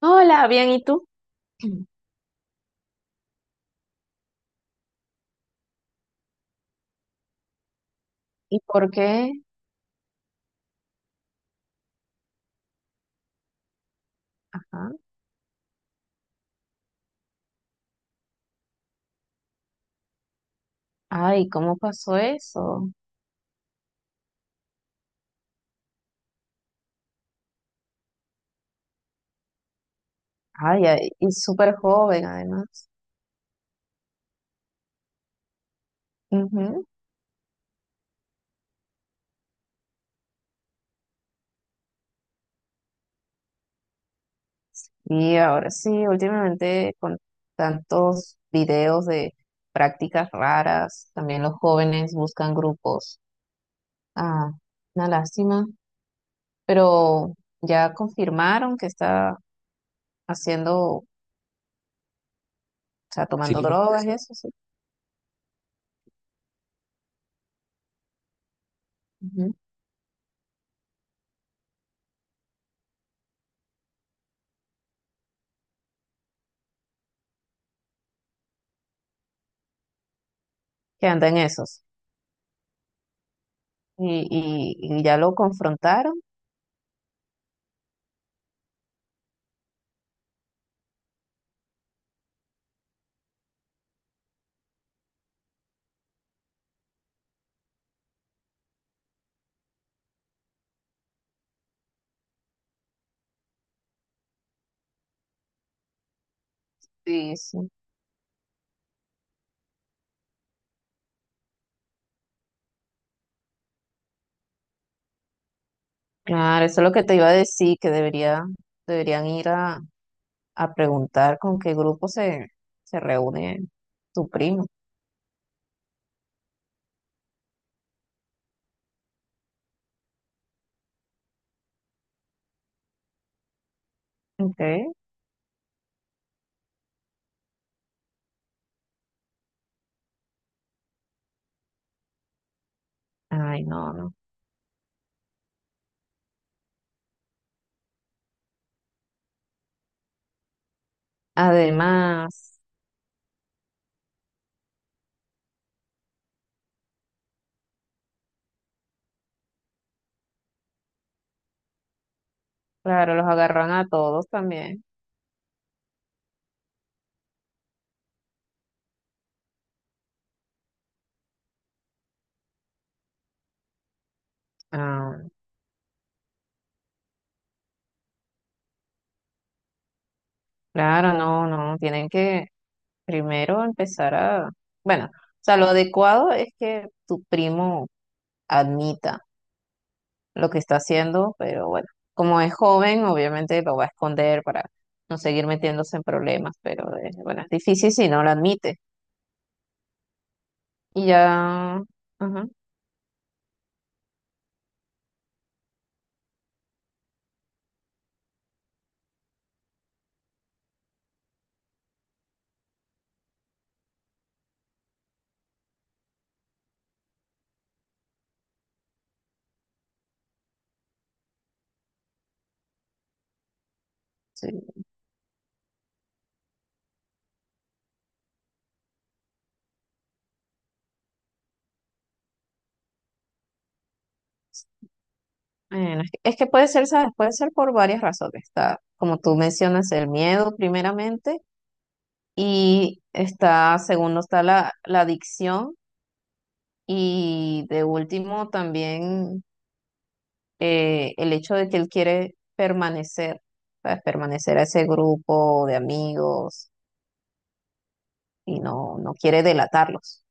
Hola, bien, ¿y tú? ¿Y por qué? Ajá. Ay, ¿cómo pasó eso? Ay, ay, y súper joven además. Ujú. Y ahora sí, últimamente con tantos videos de prácticas raras, también los jóvenes buscan grupos. Ah, una lástima, pero ya confirmaron que está haciendo, o sea, tomando, sí, drogas y eso, sí. Ujú. Que anda en esos. Y ya lo confrontaron. Sí, claro, eso es lo que te iba a decir, que debería, deberían ir a preguntar con qué grupo se reúne tu primo. Okay. Ay, no, no. Además, claro, los agarran a todos también. Ah, claro, no, no, tienen que primero empezar a, bueno, o sea, lo adecuado es que tu primo admita lo que está haciendo, pero bueno, como es joven, obviamente lo va a esconder para no seguir metiéndose en problemas, pero bueno, es difícil si no lo admite. Y ya, ajá, sí. Bueno, es que puede ser, ¿sabes? Puede ser por varias razones. Está, como tú mencionas, el miedo primeramente, y está, segundo, está la adicción, y de último también el hecho de que él quiere permanecer, ¿sabes? Permanecer a ese grupo de amigos y no, no quiere delatarlos.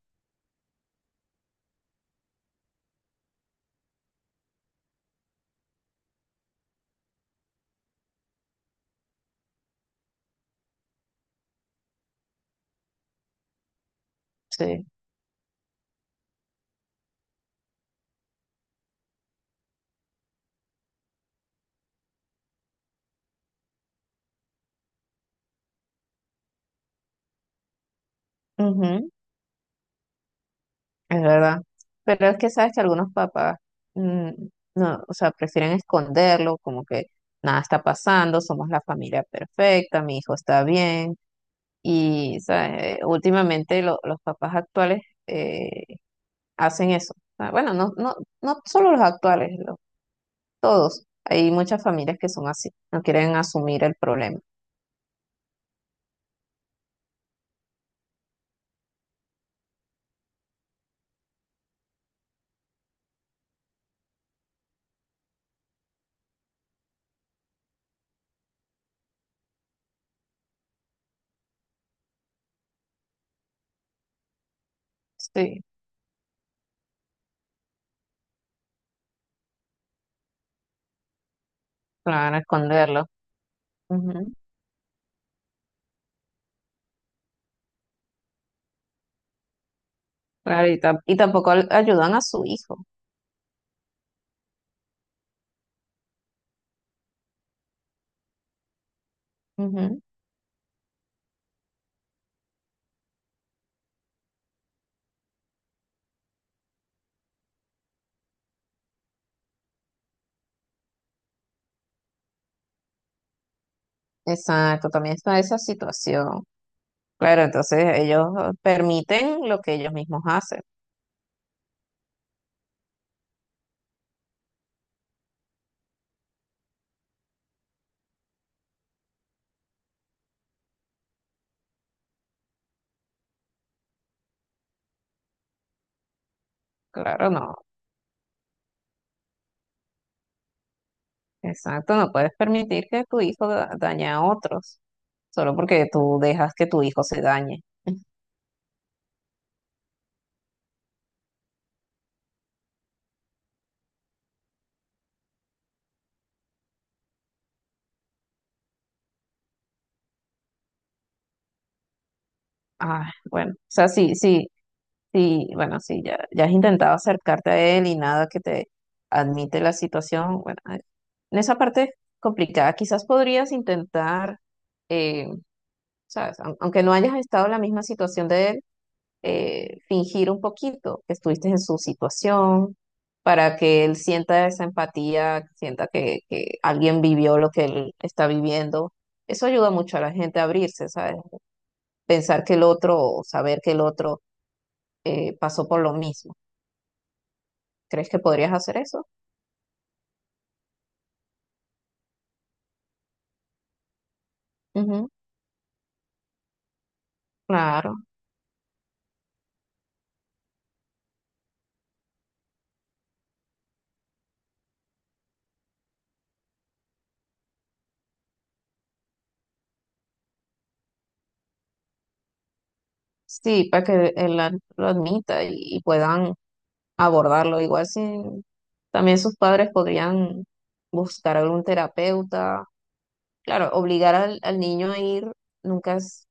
Sí, ujú, es verdad. Pero es que sabes que algunos papás, mm, no, o sea, prefieren esconderlo, como que nada está pasando, somos la familia perfecta, mi hijo está bien. Y, ¿sabes? Últimamente los papás actuales eh, hacen eso. O sea, bueno, no, no, no solo los actuales, todos. Hay muchas familias que son así, no quieren asumir el problema. Sí, claro, esconderlo. Claro, y, y tampoco ayudan a su hijo. Ujú. Exacto, también está esa situación. Claro, entonces ellos permiten lo que ellos mismos hacen. Claro, no. Exacto, no puedes permitir que tu hijo dañe a otros, solo porque tú dejas que tu hijo se dañe. Ah, bueno, o sea, sí, sí, sí, bueno, sí, ya has intentado acercarte a él y nada que te admite la situación. Bueno, en esa parte complicada, quizás podrías intentar, eh, ¿sabes? Aunque no hayas estado en la misma situación de él, fingir un poquito que estuviste en su situación para que él sienta esa empatía, sienta que alguien vivió lo que él está viviendo. Eso ayuda mucho a la gente a abrirse, ¿sabes? Pensar que el otro, o saber que el otro pasó por lo mismo. ¿Crees que podrías hacer eso? Ujú, claro. Sí, para que él lo admita y puedan abordarlo. Igual si también sus padres podrían buscar algún terapeuta. Claro, obligar al niño a ir nunca es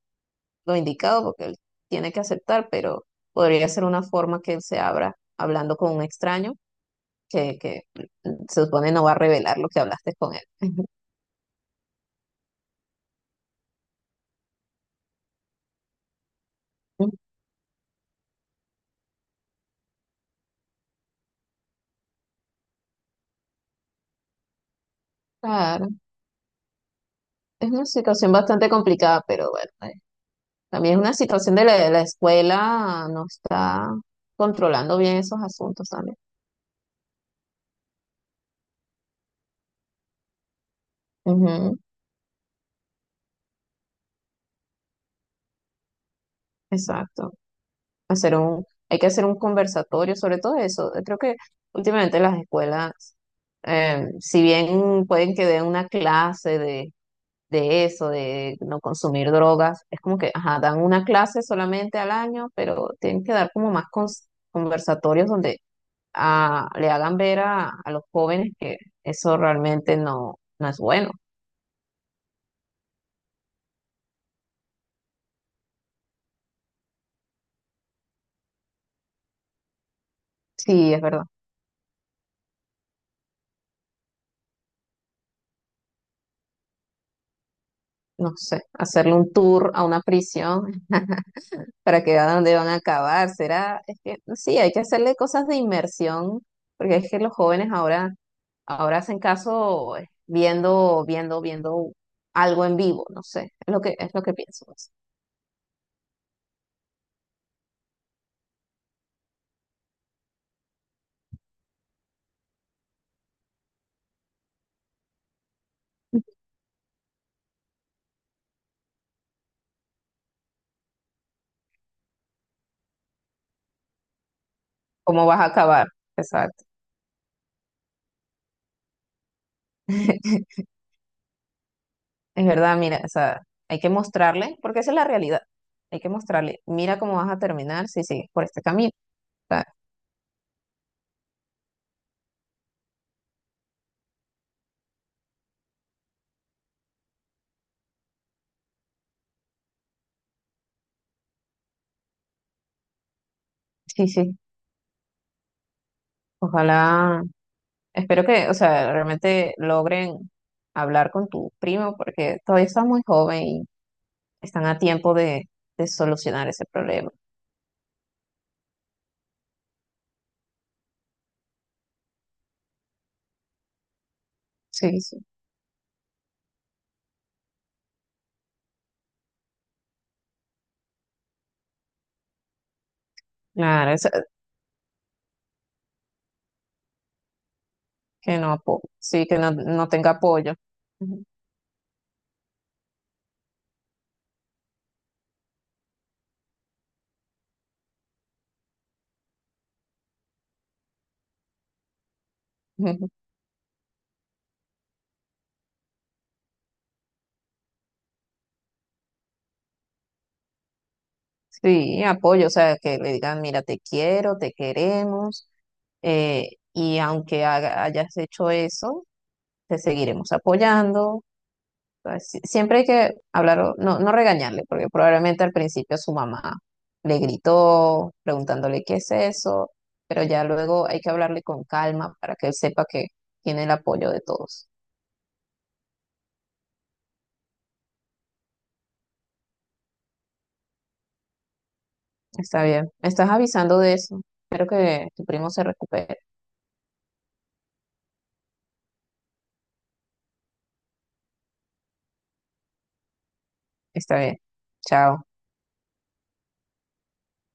lo indicado porque él tiene que aceptar, pero podría ser una forma que él se abra hablando con un extraño que se supone no va a revelar lo que hablaste con él. Claro. Es una situación bastante complicada, pero bueno, también es una situación de la escuela, no está controlando bien esos asuntos también. Ujú, exacto. Hay que hacer un conversatorio sobre todo eso. Creo que últimamente las escuelas, si bien pueden que den una clase de eso, de no consumir drogas, es como que, ajá, dan una clase solamente al año, pero tienen que dar como más conversatorios donde le hagan ver a los jóvenes que eso realmente no, no es bueno. Sí, es verdad. No sé, hacerle un tour a una prisión para que vean dónde van a acabar. Será, es que sí, hay que hacerle cosas de inmersión, porque es que los jóvenes ahora, ahora hacen caso viendo, viendo, viendo algo en vivo. No sé, es lo que pienso pues. ¿Cómo vas a acabar? Exacto. Es verdad, mira, o sea, hay que mostrarle, porque esa es la realidad. Hay que mostrarle, mira cómo vas a terminar si sigues por este camino. O sea, sí, sí, ojalá, espero que, o sea, realmente logren hablar con tu primo, porque todavía está muy joven y están a tiempo de solucionar ese problema. Sí, sí, claro, que no, sí, que no, no tenga apoyo. Ujú. Sí, apoyo, o sea, que le digan, mira, te quiero, te queremos, eh, y aunque hayas hecho eso, te seguiremos apoyando. O sea, siempre hay que hablar, no, no regañarle, porque probablemente al principio su mamá le gritó preguntándole qué es eso, pero ya luego hay que hablarle con calma para que él sepa que tiene el apoyo de todos. Está bien, me estás avisando de eso. Espero que tu primo se recupere. Está bien, chao.